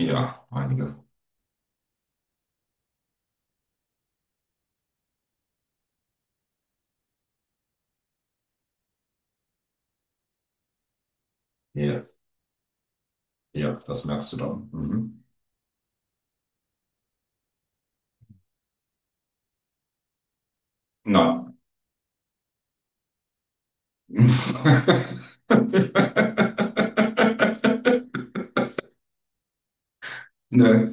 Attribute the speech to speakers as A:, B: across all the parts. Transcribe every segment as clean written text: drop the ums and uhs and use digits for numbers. A: Ja, einige. Ja, ja, das merkst du dann. Mhm. Nein. Nö.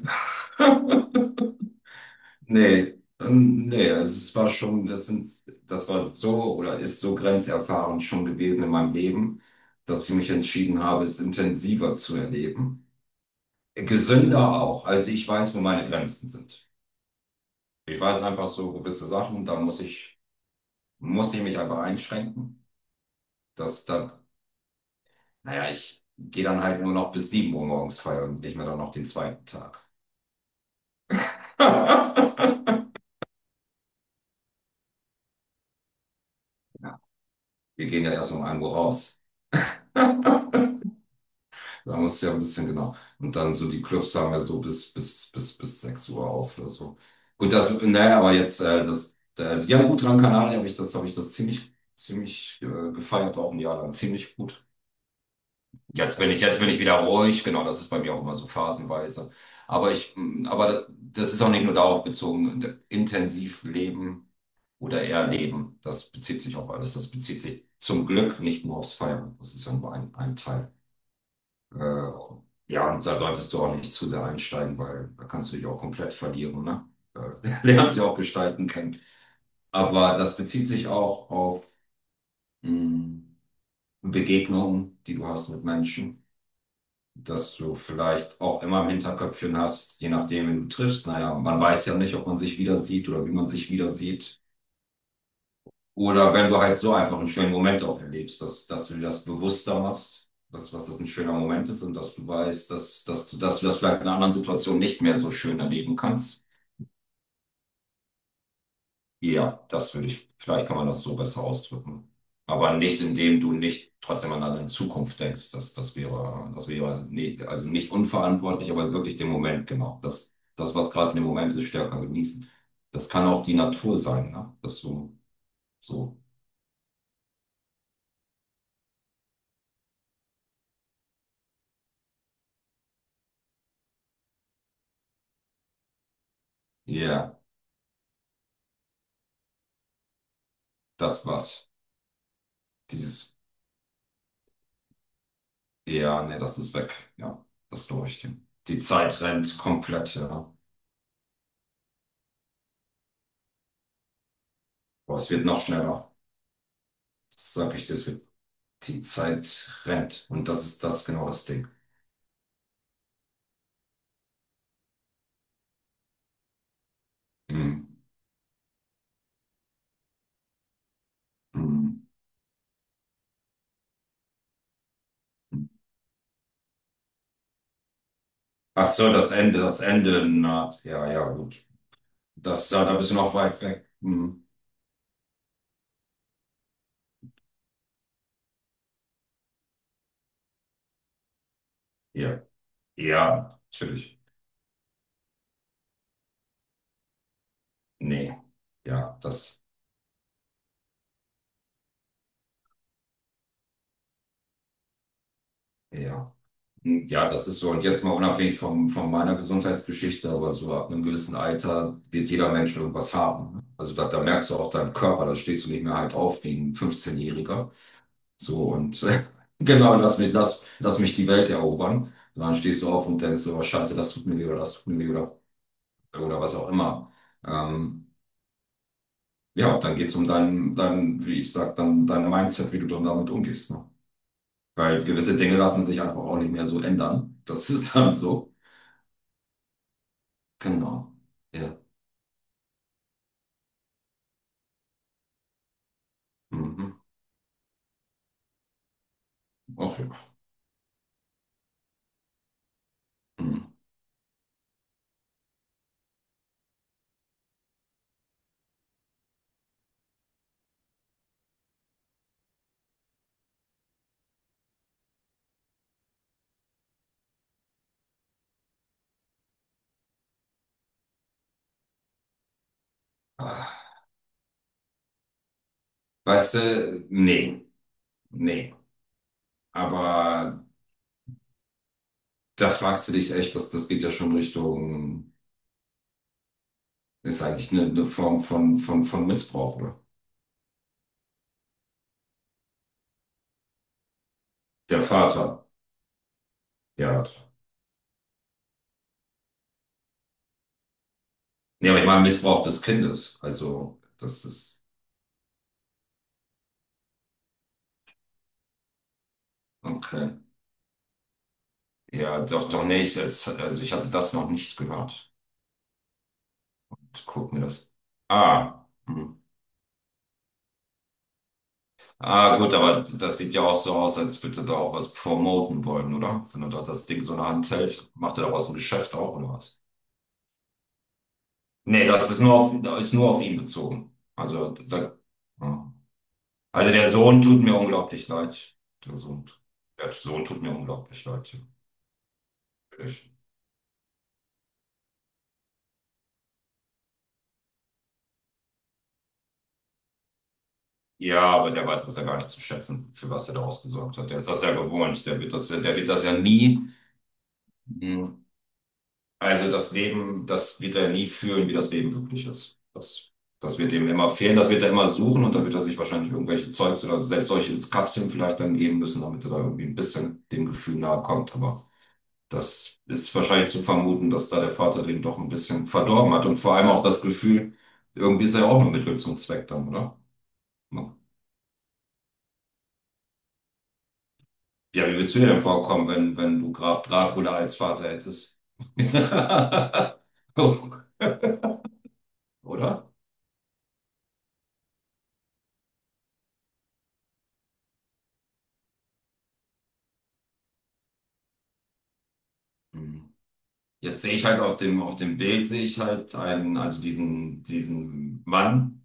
A: Nee. Nee, also es war schon, das war so oder ist so grenzerfahrend schon gewesen in meinem Leben, dass ich mich entschieden habe, es intensiver zu erleben. Gesünder auch. Also ich weiß, wo meine Grenzen sind. Ich weiß einfach so gewisse Sachen, da muss ich mich einfach einschränken. Das, da Naja, ich gehe dann halt nur noch bis 7 Uhr morgens feiern und nicht mehr dann noch den zweiten Tag. Ja, wir gehen ja erst um 1 Uhr raus. Da musst du ja ein bisschen genau. Und dann so die Clubs haben ja so bis 6 Uhr auf oder so. Gut, das, naja, aber jetzt, das, also, ja, gut, Gran Canaria habe ich das ziemlich, ziemlich gefeiert, auch ein Jahr lang, ziemlich gut. Jetzt bin ich wieder ruhig, genau, das ist bei mir auch immer so phasenweise. Aber das ist auch nicht nur darauf bezogen, intensiv leben oder eher leben. Das bezieht sich auf alles. Das bezieht sich zum Glück nicht nur aufs Feiern. Das ist ja nur ein Teil. Äh, ja, und da solltest du auch nicht zu sehr einsteigen, weil da kannst du dich auch komplett verlieren, ne? Lernst ja auch gestalten kennen. Aber das bezieht sich auch auf mm, Begegnungen, die du hast mit Menschen, dass du vielleicht auch immer im Hinterköpfchen hast, je nachdem, wen du triffst. Naja, man weiß ja nicht, ob man sich wieder sieht oder wie man sich wieder sieht. Oder wenn du halt so einfach einen schönen Moment auch erlebst, dass du dir das bewusster machst, was das ein schöner Moment ist und dass du weißt, dass du das vielleicht in einer anderen Situation nicht mehr so schön erleben kannst. Ja, das würde ich, vielleicht kann man das so besser ausdrücken. Aber nicht, indem du nicht trotzdem an eine Zukunft denkst. Das wäre nee, also nicht unverantwortlich, aber wirklich den Moment, genau. Das, das, was gerade im Moment ist, stärker genießen. Das kann auch die Natur sein, ne? Dass du so, ja, yeah, das war's. Dieses, ja, nee, das ist weg. Ja, das glaube ich dir. Die Zeit rennt komplett, ja. Aber es wird noch schneller. Das sage ich dir, es wird, die Zeit rennt. Und das ist das, genau das Ding. Mhm. Hm. Ach so, das Ende naht. Ja, ja, gut. Das, ja, da bist du noch weit weg. Hm. Ja, ja, natürlich. Nee. Ja, das, ja. Hm, ja, das ist so. Und jetzt mal unabhängig von meiner Gesundheitsgeschichte, aber so ab einem gewissen Alter wird jeder Mensch irgendwas haben, ne? Also da merkst du auch deinen Körper, da stehst du nicht mehr halt auf wie ein 15-Jähriger. So und genau, lass mich die Welt erobern. Und dann stehst du auf und denkst so, oh, Scheiße, das tut mir weh oder das tut mir weh oder was auch immer. Ähm, ja, dann geht's um dein, wie ich sag, dann dein Mindset, wie du dann damit umgehst. Ne? Weil gewisse Dinge lassen sich einfach auch nicht mehr so ändern. Das ist dann so. Genau. Ja. Mhm. Auch ja. Mhm. Ah, weißt du, nee, nee. Aber da fragst du dich echt, das geht ja schon Richtung, ist eigentlich eine Form von Missbrauch, oder? Der Vater. Ja. Nee, aber ich meine Missbrauch des Kindes. Also, das ist, okay. Ja, doch, doch, nicht es, also ich hatte das noch nicht gehört. Guck mir das. Ah, hm. Ah, gut, aber das sieht ja auch so aus, als würde da auch was promoten wollen, oder? Wenn er da das Ding so in der Hand hält, macht er daraus ein Geschäft auch, oder was? Nee, das ist nur auf ihn bezogen. Also, da, ja. Also der Sohn tut mir unglaublich leid. Der Sohn, tu- der Sohn tut mir unglaublich leid, ja. Wirklich. Ja, aber der weiß das ja gar nicht zu schätzen, für was er da ausgesorgt hat. Der ist das ja gewohnt. Der wird das ja nie. Mhm. Also das Leben, das wird er nie fühlen, wie das Leben wirklich ist. Das, das wird ihm immer fehlen, das wird er immer suchen und dann wird er sich wahrscheinlich irgendwelche Zeugs oder selbst solche Kapseln vielleicht dann geben müssen, damit er da irgendwie ein bisschen dem Gefühl nahe kommt. Aber das ist wahrscheinlich zu vermuten, dass da der Vater den doch ein bisschen verdorben hat, und vor allem auch das Gefühl, irgendwie ist er ja auch nur Mittel zum Zweck dann, oder? Ja, wie würdest du dir denn vorkommen, wenn du Graf Dracula als Vater hättest? Oder? Mhm. Jetzt sehe ich halt auf dem Bild sehe ich halt einen, also diesen Mann,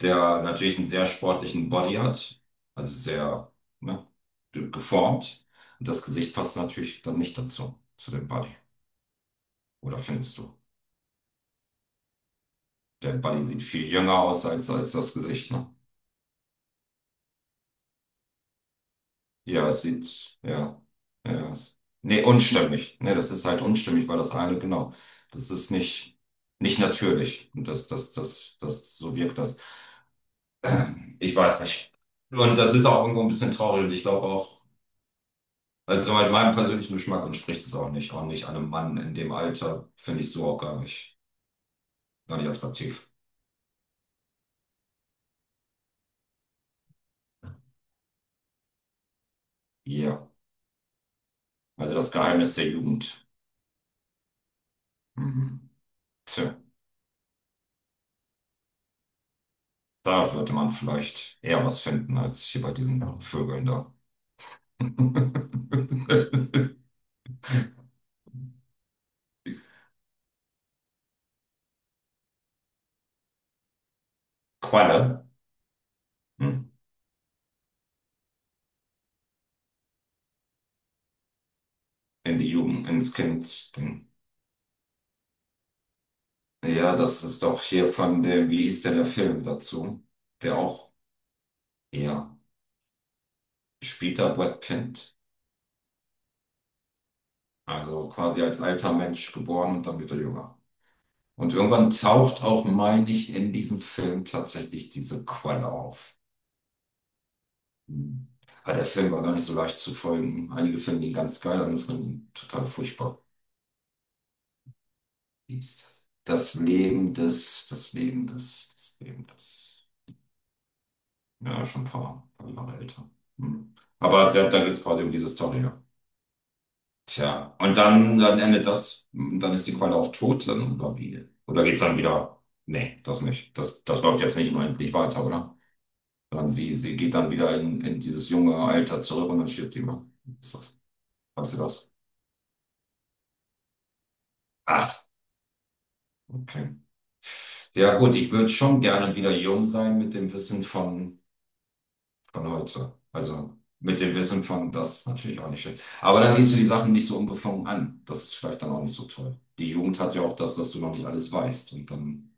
A: der natürlich einen sehr sportlichen Body hat, also sehr, ne, geformt. Und das Gesicht passt natürlich dann nicht dazu, zu dem Body. Oder findest du? Der Body sieht viel jünger aus als das Gesicht, ne? Ja, es sieht, ja, ja, es, nee, unstimmig. Nee, das ist halt unstimmig, weil das eine, genau, das ist nicht natürlich. Und das, so wirkt das. Ich weiß nicht. Und das ist auch irgendwo ein bisschen traurig. Und ich glaube auch, also zum Beispiel meinem persönlichen Geschmack entspricht es auch nicht. Auch nicht einem Mann in dem Alter, finde ich, so auch gar nicht attraktiv. Ja. Also das Geheimnis der Jugend. Mhm. Tja, da würde man vielleicht eher was finden als hier bei diesen Vögeln da. Qualle. Hm. In die Jugend, ins Kind. Ding. Ja, das ist doch hier von dem, wie hieß denn der Film dazu? Der auch, ja, spielt da Brad Pitt. Also quasi als alter Mensch geboren und dann wieder jünger. Und irgendwann taucht auch, meine ich, in diesem Film tatsächlich diese Quelle auf. Hm. Aber der Film war gar nicht so leicht zu folgen. Einige finden ihn ganz geil, andere finden ihn total furchtbar. Wie ist das? Das Leben des, das Leben des, das Leben des. Ja, schon ein paar Jahre älter. Hm. Aber da geht es quasi um diese Story, ja. Tja, und dann endet das, dann ist die Qualle auch tot, dann, oder wie? Oder geht's dann wieder? Nee, das nicht. Das läuft jetzt nicht unendlich weiter, oder? Sondern sie geht dann wieder in dieses junge Alter zurück und dann stirbt die mal. Ist das? Weißt du das? Ach, okay. Ja, gut, ich würde schon gerne wieder jung sein mit dem Wissen von heute. Also mit dem Wissen von, das ist natürlich auch nicht schlecht. Aber dann gehst du die Sachen nicht so unbefangen an. Das ist vielleicht dann auch nicht so toll. Die Jugend hat ja auch das, dass du noch nicht alles weißt. Und dann.